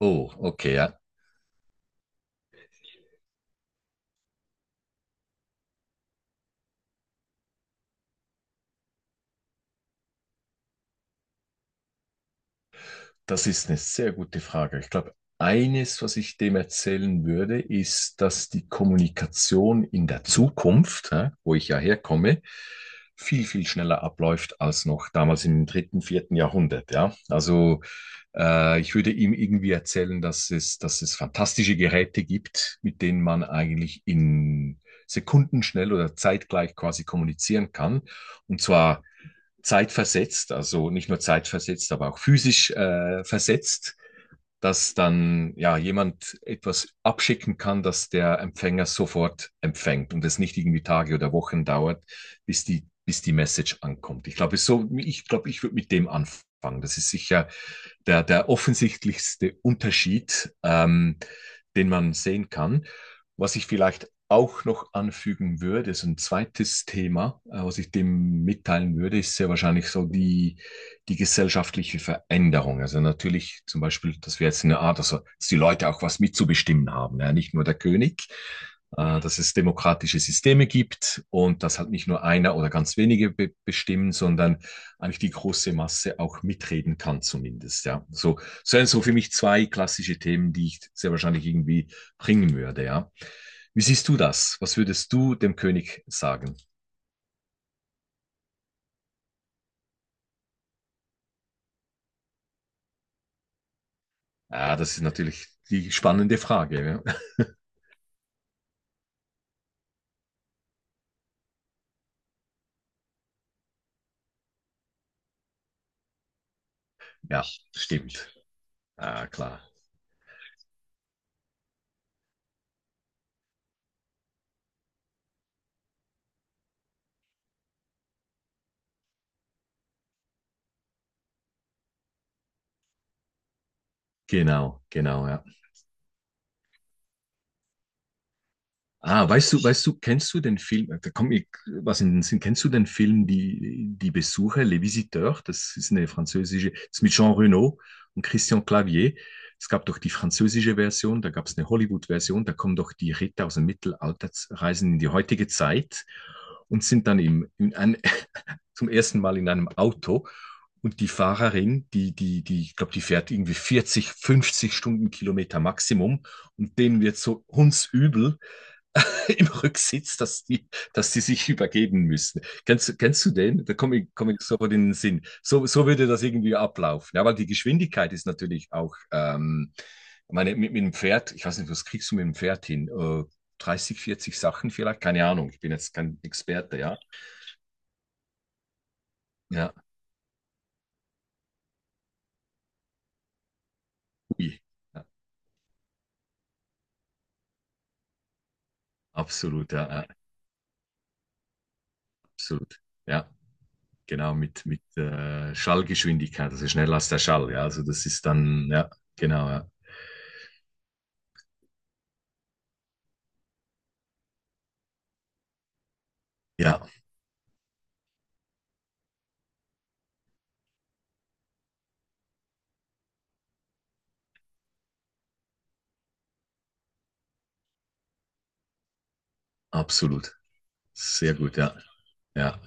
Oh, okay, ja. Das ist eine sehr gute Frage. Ich glaube, eines, was ich dem erzählen würde, ist, dass die Kommunikation in der Zukunft, ja, wo ich ja herkomme, viel, viel schneller abläuft als noch damals im dritten, vierten Jahrhundert. Ja, also ich würde ihm irgendwie erzählen, dass es fantastische Geräte gibt, mit denen man eigentlich in Sekundenschnell oder zeitgleich quasi kommunizieren kann. Und zwar zeitversetzt, also nicht nur zeitversetzt, aber auch physisch versetzt, dass dann ja jemand etwas abschicken kann, dass der Empfänger sofort empfängt und es nicht irgendwie Tage oder Wochen dauert, bis die Message ankommt. Ich glaube, ich würde mit dem anfangen. Das ist sicher der offensichtlichste Unterschied, den man sehen kann. Was ich vielleicht auch noch anfügen würde, ist ein zweites Thema, was ich dem mitteilen würde, ist sehr wahrscheinlich so die gesellschaftliche Veränderung. Also natürlich zum Beispiel, dass wir jetzt eine Art, also dass die Leute auch was mitzubestimmen haben, ja, nicht nur der König, dass es demokratische Systeme gibt und dass halt nicht nur einer oder ganz wenige be bestimmen, sondern eigentlich die große Masse auch mitreden kann zumindest. Ja, so sind so für mich zwei klassische Themen, die ich sehr wahrscheinlich irgendwie bringen würde. Ja, wie siehst du das? Was würdest du dem König sagen? Ah, das ist natürlich die spannende Frage. Ja. Ja, stimmt. Ah, klar. Genau, genau, ja. Ah, weißt du, kennst du den Film, da komm ich was in den Sinn, kennst du den Film Die Besucher, Les Visiteurs? Das ist eine französische, das ist mit Jean Reno und Christian Clavier. Es gab doch die französische Version, da gab es eine Hollywood-Version, da kommen doch die Ritter aus dem Mittelalter, reisen in die heutige Zeit und sind dann zum ersten Mal in einem Auto. Und die Fahrerin, die, ich glaube, die fährt irgendwie 40, 50 Stundenkilometer Maximum und denen wird so hundsübel im Rücksitz, dass die sich übergeben müssen. Kennst du den? Da komm ich sofort in den Sinn. So würde das irgendwie ablaufen. Ja, weil die Geschwindigkeit ist natürlich auch, ich meine, mit dem Pferd, ich weiß nicht, was kriegst du mit dem Pferd hin? 30, 40 Sachen vielleicht? Keine Ahnung, ich bin jetzt kein Experte, ja. Ja, ui. Ja, absolut, ja, ja, absolut. Ja. Genau, mit Schallgeschwindigkeit, also schneller als der Schall, ja. Also das ist dann, ja, genau, ja. Ja, absolut. Sehr gut, ja. Ja.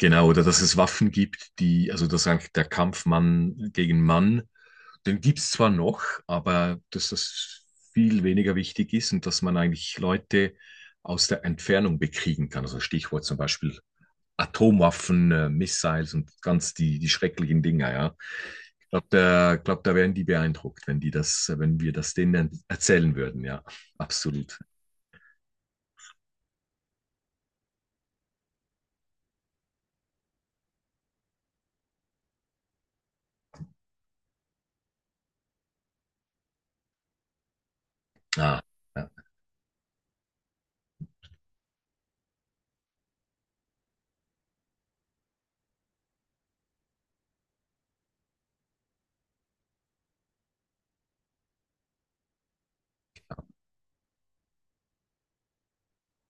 Genau, oder dass es Waffen gibt, die, also dass eigentlich der Kampf Mann gegen Mann, den gibt es zwar noch, aber dass das viel weniger wichtig ist und dass man eigentlich Leute aus der Entfernung bekriegen kann. Also Stichwort zum Beispiel Atomwaffen, Missiles und ganz die schrecklichen Dinger, ja. Glaub, da wären die beeindruckt, wenn wir das denen erzählen würden, ja. Absolut. Ah, ja,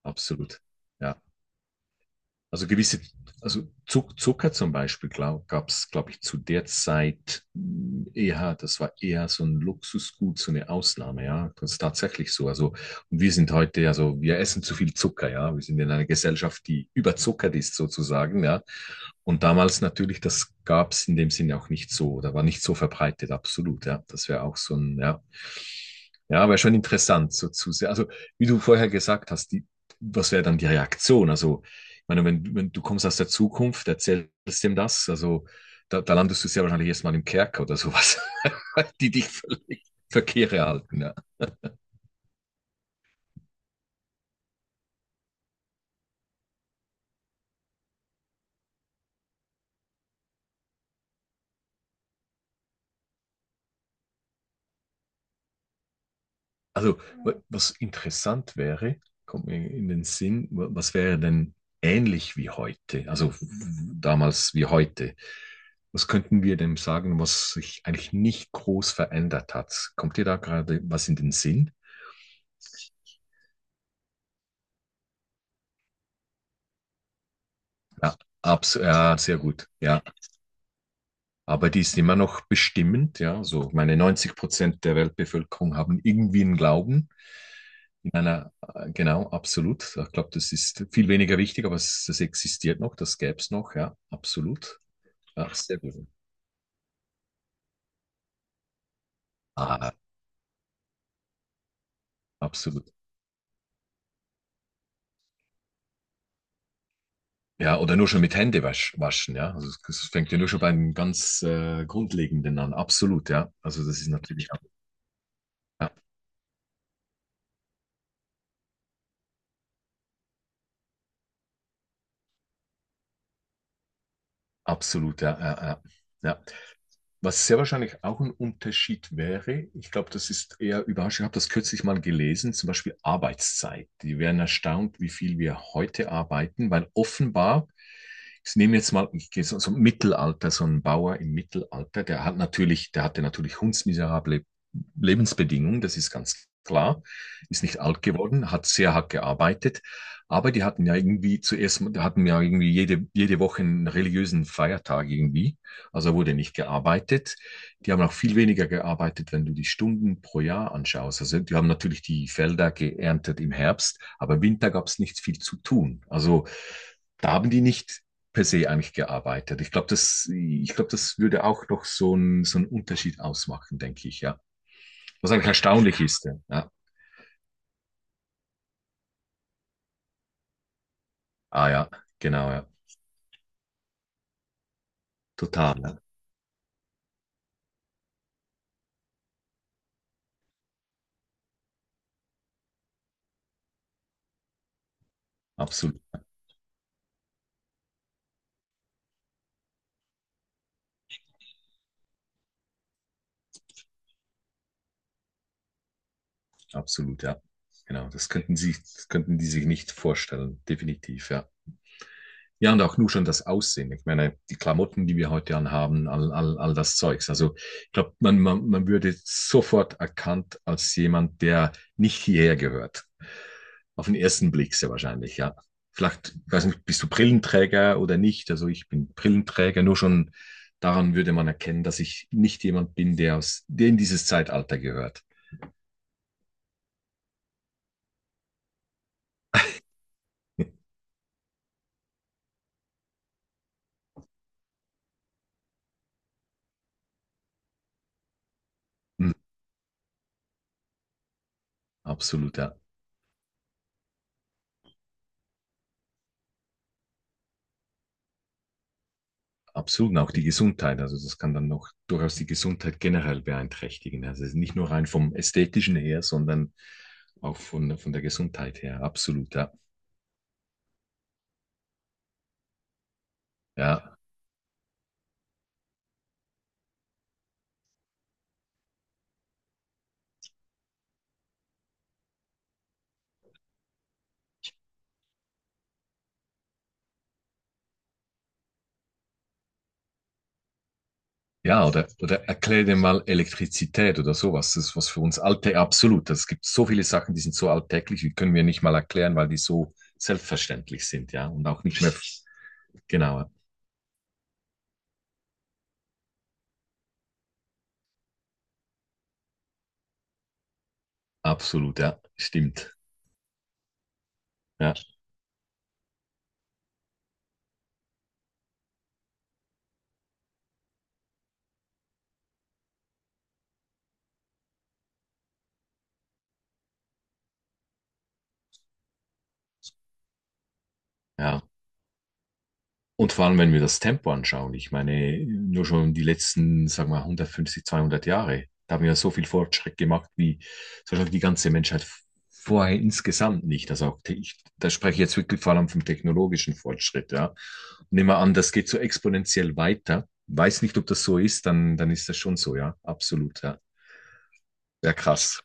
absolut. Ja. Also gewisse, also Zucker zum Beispiel gab es, glaube ich, zu der Zeit eher, das war eher so ein Luxusgut, so eine Ausnahme, ja. Das ist tatsächlich so. Also, und wir sind heute, also wir essen zu viel Zucker, ja. Wir sind in einer Gesellschaft, die überzuckert ist sozusagen, ja. Und damals natürlich, das gab es in dem Sinne auch nicht so, da war nicht so verbreitet, absolut, ja. Das wäre auch so ein, ja. Ja, aber schon interessant, so zu sehr. Also, wie du vorher gesagt hast, was wäre dann die Reaktion? Also, ich meine, wenn du kommst aus der Zukunft, erzählst dem das, also da landest du sehr wahrscheinlich erstmal im Kerker oder sowas, die dich völlig verkehre halten. Ja. Also, was interessant wäre, kommt mir in den Sinn, was wäre denn ähnlich wie heute, also damals wie heute? Was könnten wir dem sagen, was sich eigentlich nicht groß verändert hat? Kommt dir da gerade was in den Sinn? Ja, abs ja, sehr gut. Ja, aber die ist immer noch bestimmend. Ja, so meine 90% der Weltbevölkerung haben irgendwie einen Glauben. In einer, genau, absolut. Ich glaube, das ist viel weniger wichtig, aber das existiert noch, das gäbe es noch, ja, absolut. Ja, sehr gut. Ah, absolut. Ja, oder nur schon mit Hände waschen, ja. Also es fängt ja nur schon beim ganz Grundlegenden an. Absolut, ja. Also das ist natürlich, ja, absolut, ja, ja, ja. Ja. Was sehr wahrscheinlich auch ein Unterschied wäre, ich glaube, das ist eher überraschend. Ich habe das kürzlich mal gelesen, zum Beispiel Arbeitszeit. Die wären erstaunt, wie viel wir heute arbeiten, weil offenbar, ich nehme jetzt mal, ich gehe so ein Mittelalter, so ein Bauer im Mittelalter, der hatte natürlich hundsmiserable Lebensbedingungen, das ist ganz klar, ist nicht alt geworden, hat sehr hart gearbeitet, aber die hatten ja irgendwie zuerst, hatten ja irgendwie jede Woche einen religiösen Feiertag irgendwie. Also wurde nicht gearbeitet. Die haben auch viel weniger gearbeitet, wenn du die Stunden pro Jahr anschaust. Also die haben natürlich die Felder geerntet im Herbst, aber im Winter gab es nicht viel zu tun. Also da haben die nicht per se eigentlich gearbeitet. Ich glaube, das würde auch noch so einen Unterschied ausmachen, denke ich, ja. Was eigentlich erstaunlich ist. Ja. Ja. Ah ja, genau, ja. Total, ja. Absolut, absolut, ja. Genau, das könnten die sich nicht vorstellen, definitiv, ja. Ja, und auch nur schon das Aussehen. Ich meine, die Klamotten, die wir heute anhaben, all das Zeugs. Also ich glaube, man würde sofort erkannt als jemand, der nicht hierher gehört. Auf den ersten Blick sehr wahrscheinlich, ja. Vielleicht, ich weiß nicht, bist du Brillenträger oder nicht? Also ich bin Brillenträger, nur schon daran würde man erkennen, dass ich nicht jemand bin, der in dieses Zeitalter gehört. Hm, absolut, ja. Absolut, und auch die Gesundheit. Also das kann dann noch durchaus die Gesundheit generell beeinträchtigen. Also es ist nicht nur rein vom Ästhetischen her, sondern auch von, der Gesundheit her. Absolut, ja. Ja, ja oder erklär dir mal Elektrizität oder sowas. Das ist was für uns Alltag absolut. Es gibt so viele Sachen, die sind so alltäglich, die können wir nicht mal erklären, weil die so selbstverständlich sind, ja. Und auch nicht mehr, genau, absolut, ja. Stimmt, ja, ja. Und vor allem, wenn wir das Tempo anschauen, ich meine, nur schon die letzten, sagen wir, 150, 200 Jahre, da haben wir ja so viel Fortschritt gemacht, wie zum Beispiel die ganze Menschheit vorher insgesamt nicht. Also auch, da spreche ich jetzt wirklich vor allem vom technologischen Fortschritt, ja. Nehmen wir an, das geht so exponentiell weiter. Weiß nicht, ob das so ist, dann ist das schon so, ja. Absolut, ja. Ja, krass.